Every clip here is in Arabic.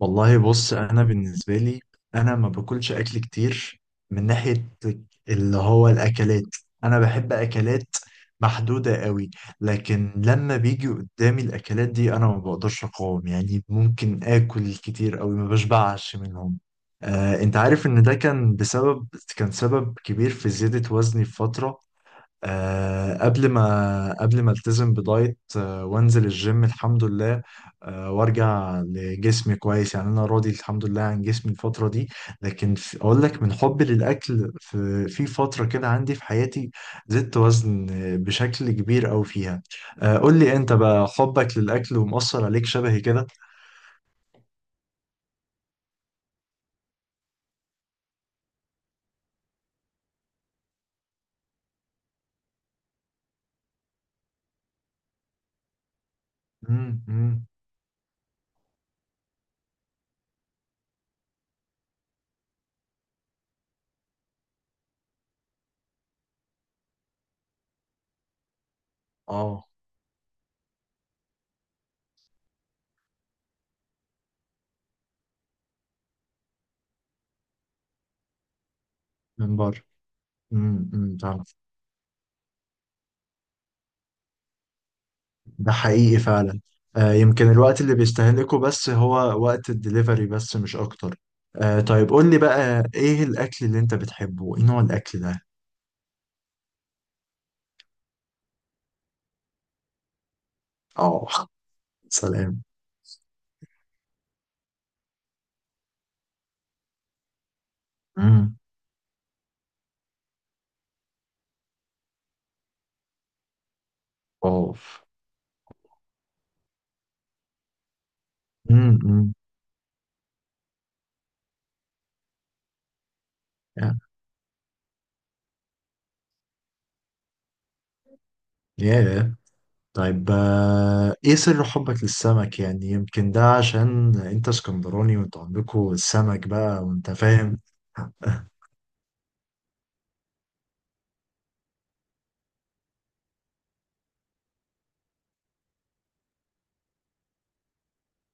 والله، بص، انا بالنسبه لي، انا ما باكلش اكل كتير من ناحيه اللي هو الاكلات. انا بحب اكلات محدوده قوي، لكن لما بيجي قدامي الاكلات دي انا ما بقدرش اقاوم. يعني ممكن اكل كتير قوي ما بشبعش منهم. انت عارف ان ده كان سبب كبير في زياده وزني في فتره. قبل ما التزم بدايت، وانزل الجيم، الحمد لله. وارجع لجسمي كويس. يعني انا راضي الحمد لله عن جسمي الفتره دي. لكن اقول لك من حبي للاكل، في فتره كده عندي في حياتي زدت وزن بشكل كبير أوي فيها. قول لي انت بقى، حبك للاكل ومؤثر عليك شبهي كده؟ امم. اه. من بره. امم. ده حقيقي فعلا. يمكن الوقت اللي بيستهلكه بس هو وقت الدليفري بس، مش اكتر. طيب قول لي بقى، ايه الاكل اللي انت بتحبه؟ ايه نوع الاكل ده؟ اه. سلام. امم. اوف. امم. أمم. ياه. طيب، ايه سر حبك للسمك؟ يعني يمكن ده عشان انت اسكندراني، وانت عندكوا السمك بقى، وانت فاهم.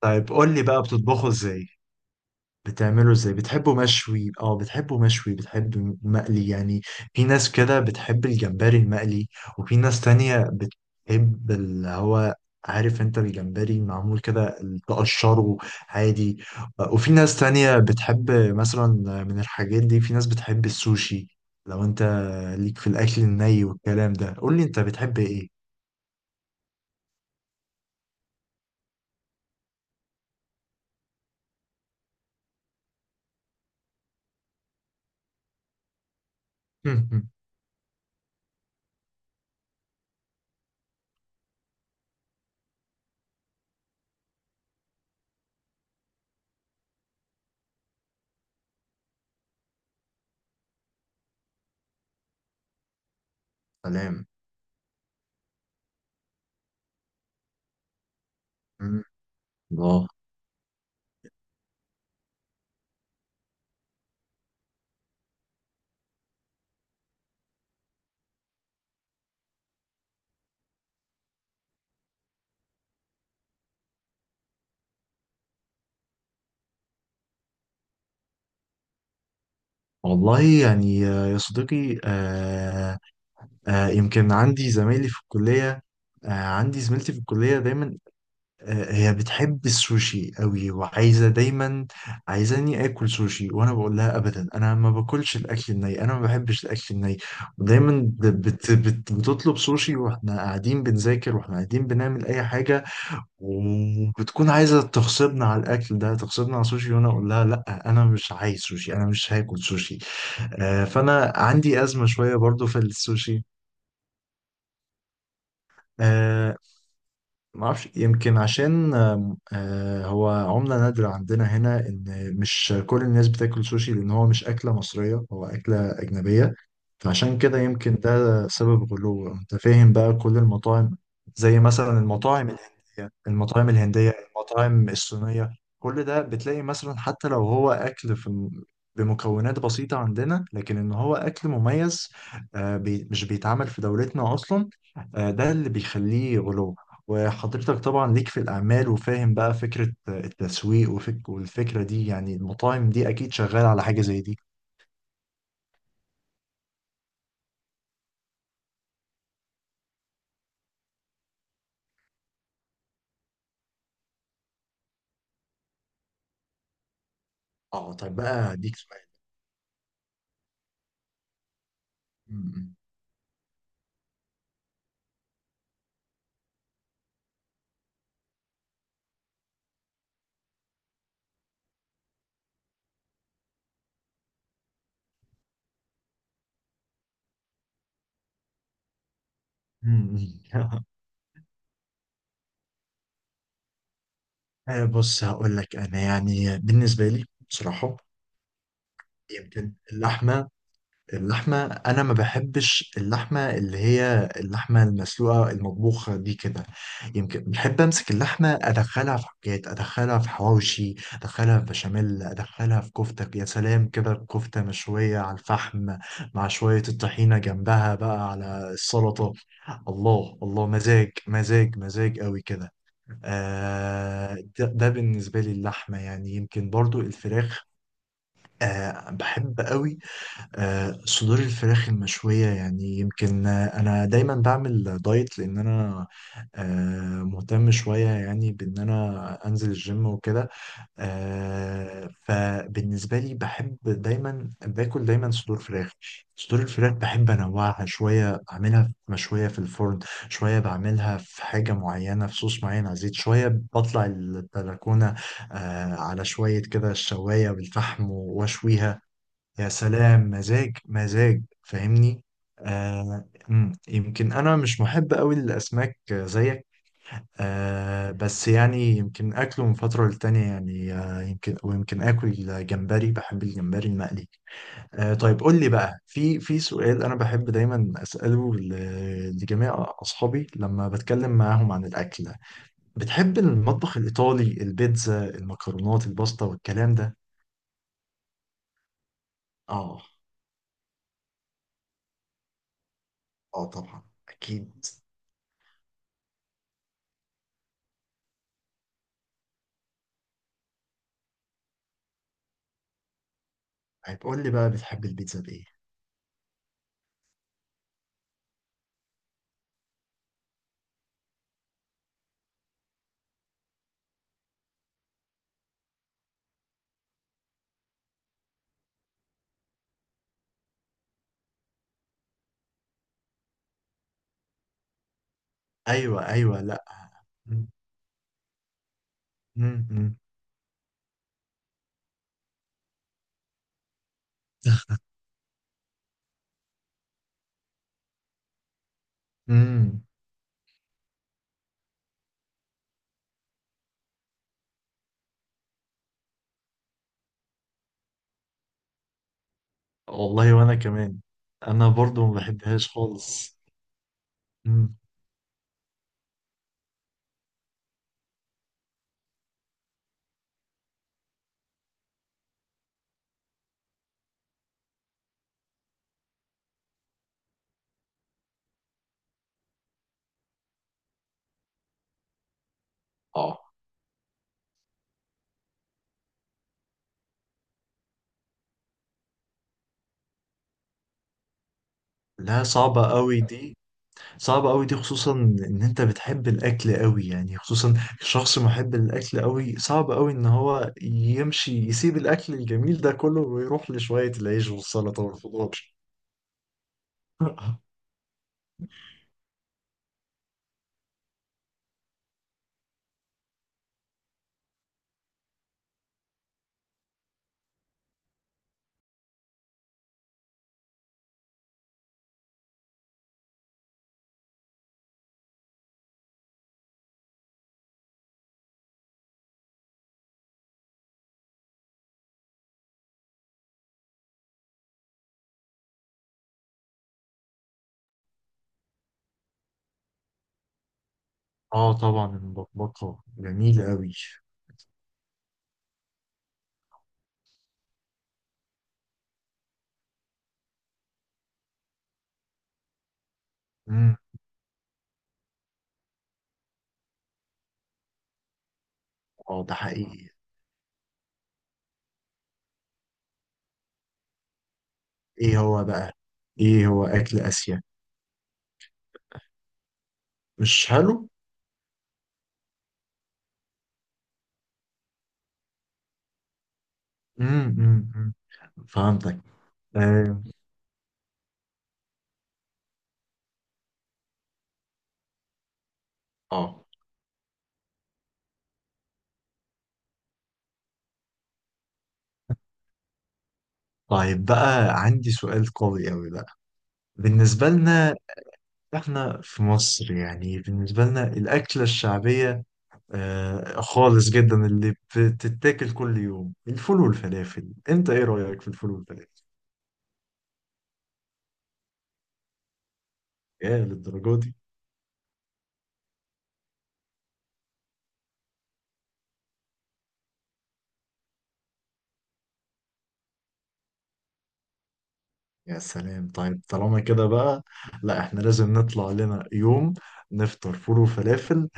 طيب قول لي بقى، بتطبخه ازاي؟ بتعمله ازاي؟ بتحبه مشوي، بتحبه مشوي بتحبه مقلي؟ يعني في ناس كده بتحب الجمبري المقلي، وفي ناس تانية بتحب اللي هو، عارف انت الجمبري معمول كده تقشره عادي. وفي ناس تانية بتحب مثلا من الحاجات دي، في ناس بتحب السوشي. لو انت ليك في الاكل الني والكلام ده، قول لي انت بتحب ايه؟ سلام. مم. الله. والله يعني، يا صديقي. يمكن عندي زمايلي في الكلية، عندي زميلتي في الكلية دايما، هي بتحب السوشي قوي وعايزة دايما، عايزاني آكل سوشي. وأنا بقول لها أبدا، أنا ما باكلش الأكل الني، أنا ما بحبش الأكل الني. ودايما ب- بت بت بتطلب سوشي وإحنا قاعدين بنذاكر، وإحنا قاعدين بنعمل أي حاجة. وبتكون عايزة تغصبنا على الأكل ده، تغصبنا على سوشي، وأنا أقول لها لأ أنا مش عايز سوشي، أنا مش هاكل سوشي. فأنا عندي أزمة شوية برضو في السوشي. آه، ما اعرفش، يمكن عشان هو عملة نادرة عندنا هنا، ان مش كل الناس بتاكل سوشي، لان هو مش اكلة مصرية، هو اكلة اجنبية. فعشان كده يمكن ده سبب غلوه. انت فاهم بقى، كل المطاعم زي مثلا المطاعم الهندية المطاعم الصينية، كل ده بتلاقي مثلا، حتى لو هو أكل بمكونات بسيطة عندنا، لكن إن هو أكل مميز مش بيتعمل في دولتنا أصلا. ده اللي بيخليه غلو. وحضرتك طبعا ليك في الأعمال وفاهم بقى فكرة التسويق والفكرة دي. يعني المطاعم دي أكيد شغالة على حاجة زي دي. اه، طيب بقى أديك سؤال. مم. بص هقول لك انا، يعني بالنسبه لي بصراحه يمكن اللحمه. اللحمه، انا ما بحبش اللحمه اللي هي اللحمه المسلوقه المطبوخه دي كده. يمكن بحب امسك اللحمه ادخلها في حاجات، ادخلها في حواوشي، ادخلها في بشاميل، ادخلها في كفته. يا سلام كده، كفته مشويه على الفحم مع شويه الطحينه جنبها بقى على السلطه. الله الله، مزاج مزاج مزاج قوي كده. ده بالنسبة لي اللحمة. يعني يمكن برضو الفراخ، بحب قوي. صدور الفراخ المشوية، يعني يمكن أنا دايما بعمل دايت لأن أنا مهتم شوية، يعني بأن أنا أنزل الجيم وكده. فبالنسبة لي بحب دايما باكل دايما صدور فراخ. صدور الفراخ بحب أنوعها شوية، أعملها مشوية في الفرن شوية، بعملها في حاجة معينة في صوص معين على الزيت شوية، بطلع البلكونة على شوية كده الشواية بالفحم وأشويها. يا سلام، مزاج مزاج فاهمني. يمكن انا مش محب قوي للاسماك زيك. بس يعني يمكن اكله من فتره للتانيه. يعني يمكن، ويمكن اكل جمبري، بحب الجمبري المقلي. طيب قول لي بقى، في سؤال انا بحب دايما اساله لجميع اصحابي لما بتكلم معاهم عن الاكل. بتحب المطبخ الايطالي، البيتزا، المكرونات، الباستا والكلام ده؟ اه، اه طبعا اكيد. هتقول لي بقى بتحب البيتزا بايه؟ ايوه، ايوه. لا. مم، مم، مم، مم. والله وانا كمان. انا برضو ما بحبهاش خالص. مم. اه، لا صعبة قوي دي. صعبة قوي دي خصوصا ان انت بتحب الاكل قوي، يعني خصوصا شخص محب للاكل قوي، صعب قوي ان هو يمشي يسيب الاكل الجميل ده كله ويروح لشوية العيش والسلطة والخضار. اه، طبعا المبكبكة جميلة قوي. مم. اه، ده حقيقي. ايه هو بقى؟ ايه هو اكل اسيا؟ مش حلو. امم. فهمتك. اه. آه. طيب بقى عندي سؤال قوي قوي بقى. بالنسبة لنا احنا في مصر، يعني بالنسبة لنا الأكلة الشعبية خالص جدا اللي بتتاكل كل يوم، الفول والفلافل، انت ايه رأيك في الفول والفلافل؟ يا للدرجة دي. يا سلام، طيب طالما كده بقى، لا احنا لازم نطلع لنا يوم، نفطر فول وفلافل،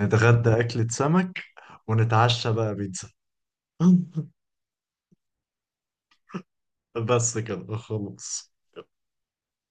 نتغدى أكلة سمك، ونتعشى بقى بيتزا. بس كده خلاص.